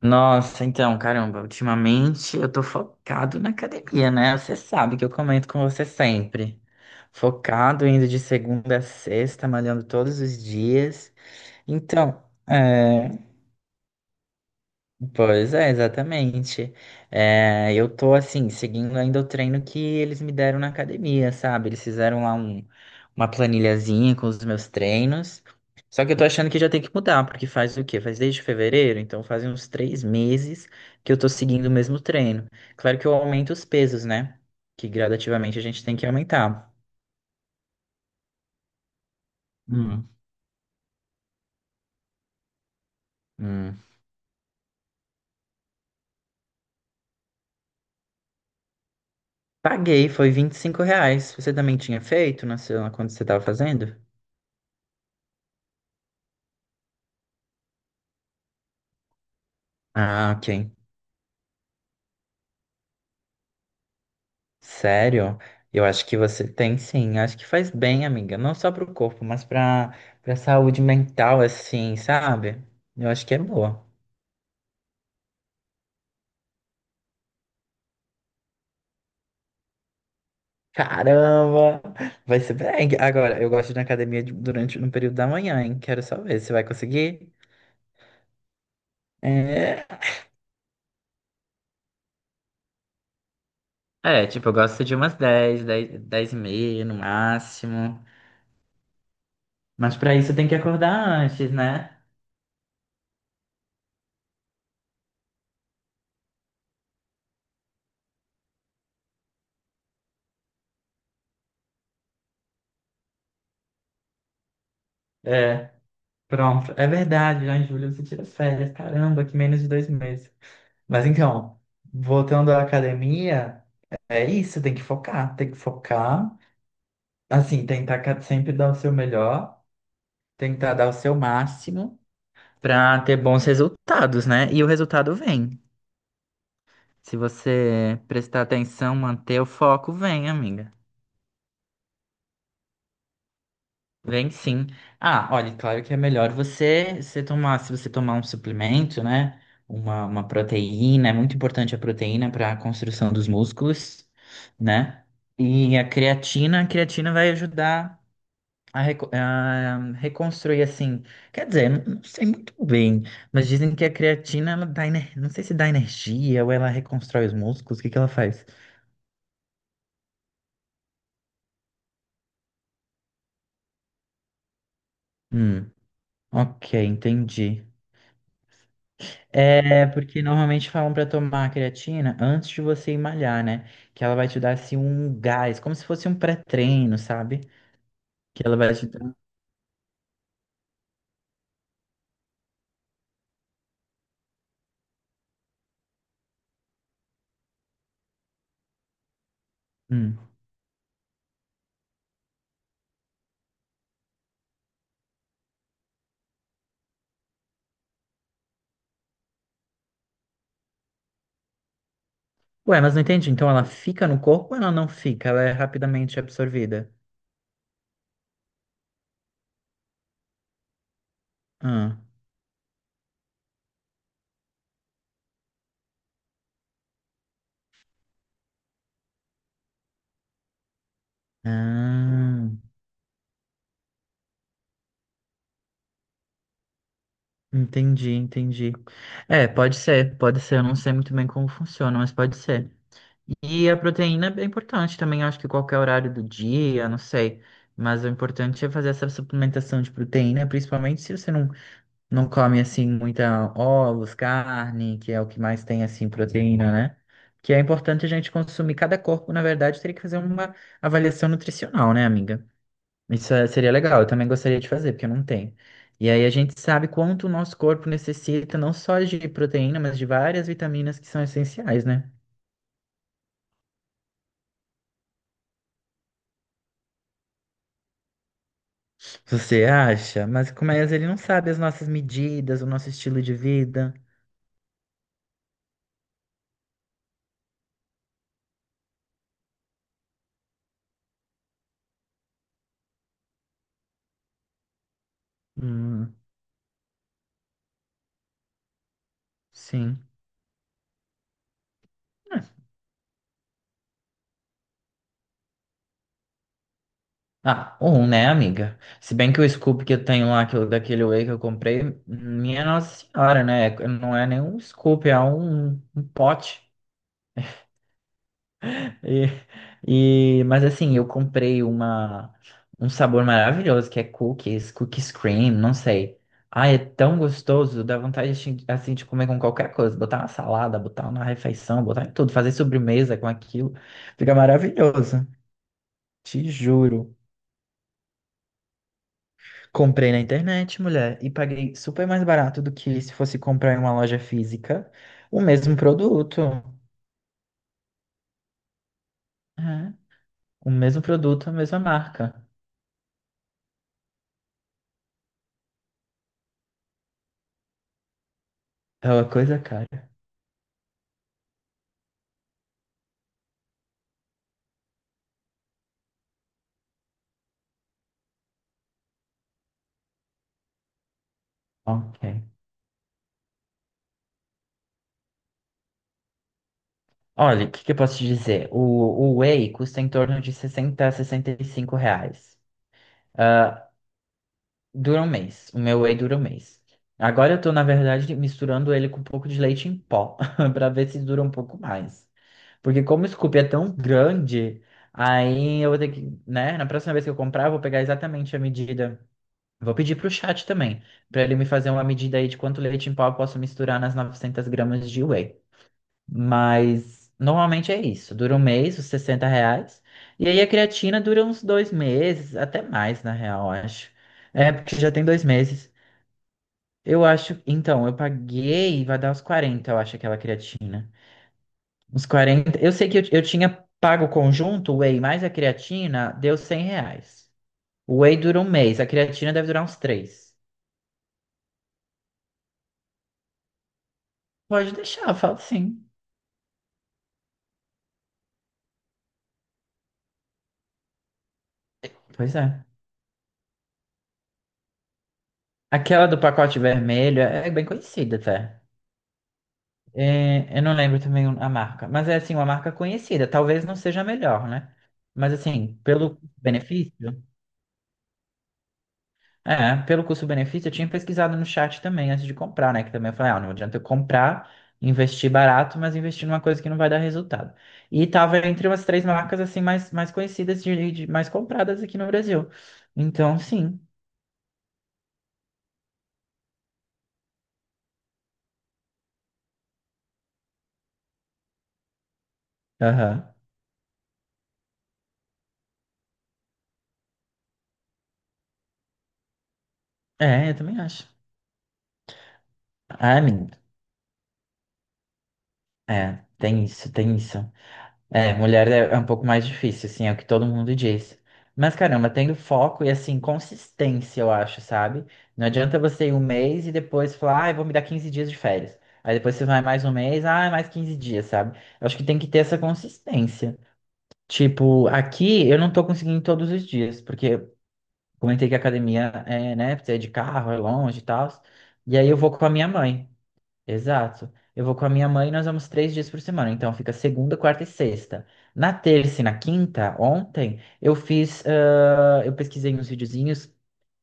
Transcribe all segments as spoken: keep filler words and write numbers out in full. Nossa, então, caramba, ultimamente eu tô focado na academia, né? Você sabe que eu comento com você sempre. Focado, indo de segunda a sexta, malhando todos os dias. Então, é, pois é, exatamente. É, eu tô assim, seguindo ainda o treino que eles me deram na academia, sabe? Eles fizeram lá um, uma planilhazinha com os meus treinos. Só que eu tô achando que já tem que mudar, porque faz o quê? Faz desde fevereiro, então fazem uns três meses que eu tô seguindo o mesmo treino. Claro que eu aumento os pesos, né? Que gradativamente a gente tem que aumentar. Hum, hum. Paguei, foi vinte e cinco reais. Você também tinha feito na sua- quando você tava fazendo? Ah, ok. Sério? Eu acho que você tem sim. Acho que faz bem, amiga. Não só pro corpo, mas pra, pra saúde mental, assim, sabe? Eu acho que é boa. Caramba! Vai ser bem. Agora, eu gosto de ir na academia de- durante no período da manhã, hein? Quero só ver se vai conseguir. É, é, tipo, eu gosto de umas dez, dez, dez e meia no máximo. Mas pra isso tem que acordar antes, né? É, pronto. É verdade, já em julho você tira férias. Caramba, que menos de dois meses. Mas então, voltando à academia, é isso, tem que focar, tem que focar. Assim, tentar ca- sempre dar o seu melhor, tentar dar o seu máximo para ter bons resultados, né? E o resultado vem. Se você prestar atenção, manter o foco, vem, amiga. Vem sim. Ah, olha, claro que é melhor você, você tomar, se você tomar um suplemento, né? Uma, uma proteína, é muito importante a proteína para a construção dos músculos, né? E a creatina, a creatina vai ajudar a, reco- a reconstruir, assim. Quer dizer, não, não sei muito bem, mas dizem que a creatina, ela dá, ener- não sei se dá energia ou ela reconstrói os músculos, o que que ela faz? Hum, ok, entendi. É, porque normalmente falam pra tomar a creatina antes de você ir malhar, né? Que ela vai te dar assim um gás, como se fosse um pré-treino, sabe? Que ela vai te dar. Hum. Ué, mas não entendi. Então ela fica no corpo ou ela não fica? Ela é rapidamente absorvida. Ah, ah, entendi, entendi. É, pode ser, pode ser. Eu não sei muito bem como funciona, mas pode ser. E a proteína é importante também, acho que qualquer horário do dia, não sei. Mas o importante é fazer essa suplementação de proteína, principalmente se você não, não come assim muita ovos, carne, que é o que mais tem assim proteína, né? Que é importante a gente consumir. Cada corpo, na verdade, teria que fazer uma avaliação nutricional, né, amiga? Isso é- seria legal, eu também gostaria de fazer, porque eu não tenho. E aí a gente sabe quanto o nosso corpo necessita, não só de proteína, mas de várias vitaminas que são essenciais, né? Você acha? Mas como é, ele não sabe as nossas medidas, o nosso estilo de vida. Hum, sim. Ah, um, né, amiga? Se bem que o scoop que eu tenho lá, que eu- daquele whey que eu comprei, minha Nossa Senhora, né? Não é nem um scoop, é um, um pote. E, e- mas assim, eu comprei uma, um sabor maravilhoso que é cookies, cookies cream, não sei. Ah, é tão gostoso, dá vontade assim assim, de comer com qualquer coisa, botar na salada, botar na refeição, botar em tudo, fazer sobremesa com aquilo. Fica maravilhoso, te juro. Comprei na internet, mulher, e paguei super mais barato do que se fosse comprar em uma loja física o mesmo produto. É, o mesmo produto, a mesma marca. É uma coisa cara. Ok. Olha, o que, que eu posso te dizer? O, o Whey custa em torno de sessenta a sessenta e cinco reais. Ah, dura um mês. O meu Whey dura um mês. Agora eu tô, na verdade, misturando ele com um pouco de leite em pó, para ver se dura um pouco mais. Porque como o scoop é tão grande, aí eu vou ter que, né? Na próxima vez que eu comprar, eu vou pegar exatamente a medida. Vou pedir pro chat também, para ele me fazer uma medida aí de quanto leite em pó eu posso misturar nas novecentas gramas de Whey. Mas normalmente é isso. Dura um mês, os sessenta reais. E aí a creatina dura uns dois meses, até mais, na real, eu acho. É, porque já tem dois meses. Eu acho. Então, eu paguei, vai dar uns quarenta, eu acho, aquela creatina. Uns quarenta. Eu sei que eu, eu tinha pago o conjunto, o whey mais a creatina, deu cem reais. O whey dura um mês, a creatina deve durar uns três. Pode deixar, eu falo sim. Pois é. Aquela do pacote vermelho é bem conhecida até. É, eu não lembro também a marca, mas é assim, uma marca conhecida. Talvez não seja a melhor, né? Mas assim, pelo benefício, é, pelo custo-benefício, eu tinha pesquisado no chat também antes de comprar, né? Que também eu falei, ah, não adianta eu comprar, investir barato, mas investir numa coisa que não vai dar resultado. E tava entre umas três marcas assim mais, mais conhecidas de, de- mais compradas aqui no Brasil. Então, sim. Aham. É, eu também acho. Ah, menino. É, tem isso, tem isso. É, mulher é é um pouco mais difícil, assim, é o que todo mundo diz. Mas caramba, tendo foco e assim, consistência, eu acho, sabe? Não adianta você ir um mês e depois falar, ah, eu vou me dar quinze dias de férias. Aí depois você vai mais um mês, ah, mais quinze dias, sabe? Eu acho que tem que ter essa consistência. Tipo, aqui eu não tô conseguindo todos os dias, porque eu comentei que a academia é, né, precisa ir de carro, é longe e tal. E aí eu vou com a minha mãe. Exato. Eu vou com a minha mãe e nós vamos três dias por semana. Então fica segunda, quarta e sexta. Na terça e na quinta, ontem, eu fiz. Ah, eu pesquisei uns videozinhos,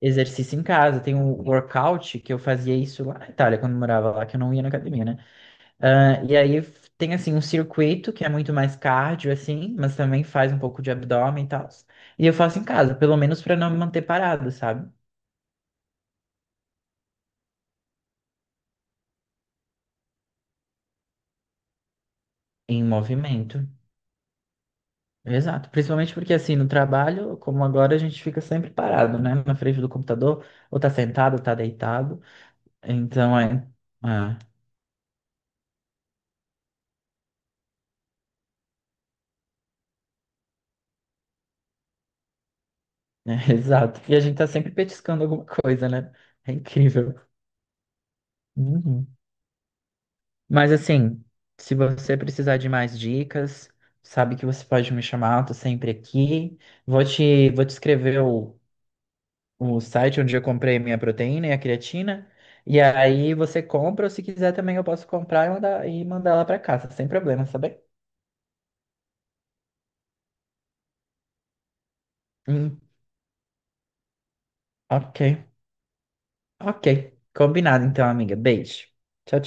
exercício em casa. Tem um workout que eu fazia isso lá na Itália, quando eu morava lá, que eu não ia na academia, né? Ah, e aí f- tem assim um circuito que é muito mais cardio, assim, mas também faz um pouco de abdômen e tal. E eu faço em casa, pelo menos para não me manter parado, sabe? Em movimento. Exato, principalmente porque assim, no trabalho, como agora, a gente fica sempre parado, né? Na frente do computador, ou tá sentado, ou tá deitado. Então é, é, é, exato. E a gente tá sempre petiscando alguma coisa, né? É incrível. Uhum. Mas assim, se você precisar de mais dicas, sabe que você pode me chamar, eu tô sempre aqui. Vou te, vou te escrever o, o site onde eu comprei minha proteína e a creatina. E aí você compra, ou se quiser também eu posso comprar e mandar, e mandar ela pra casa, sem problema, sabe? Hum, ok, ok. Combinado então, amiga. Beijo. Tchau, tchau.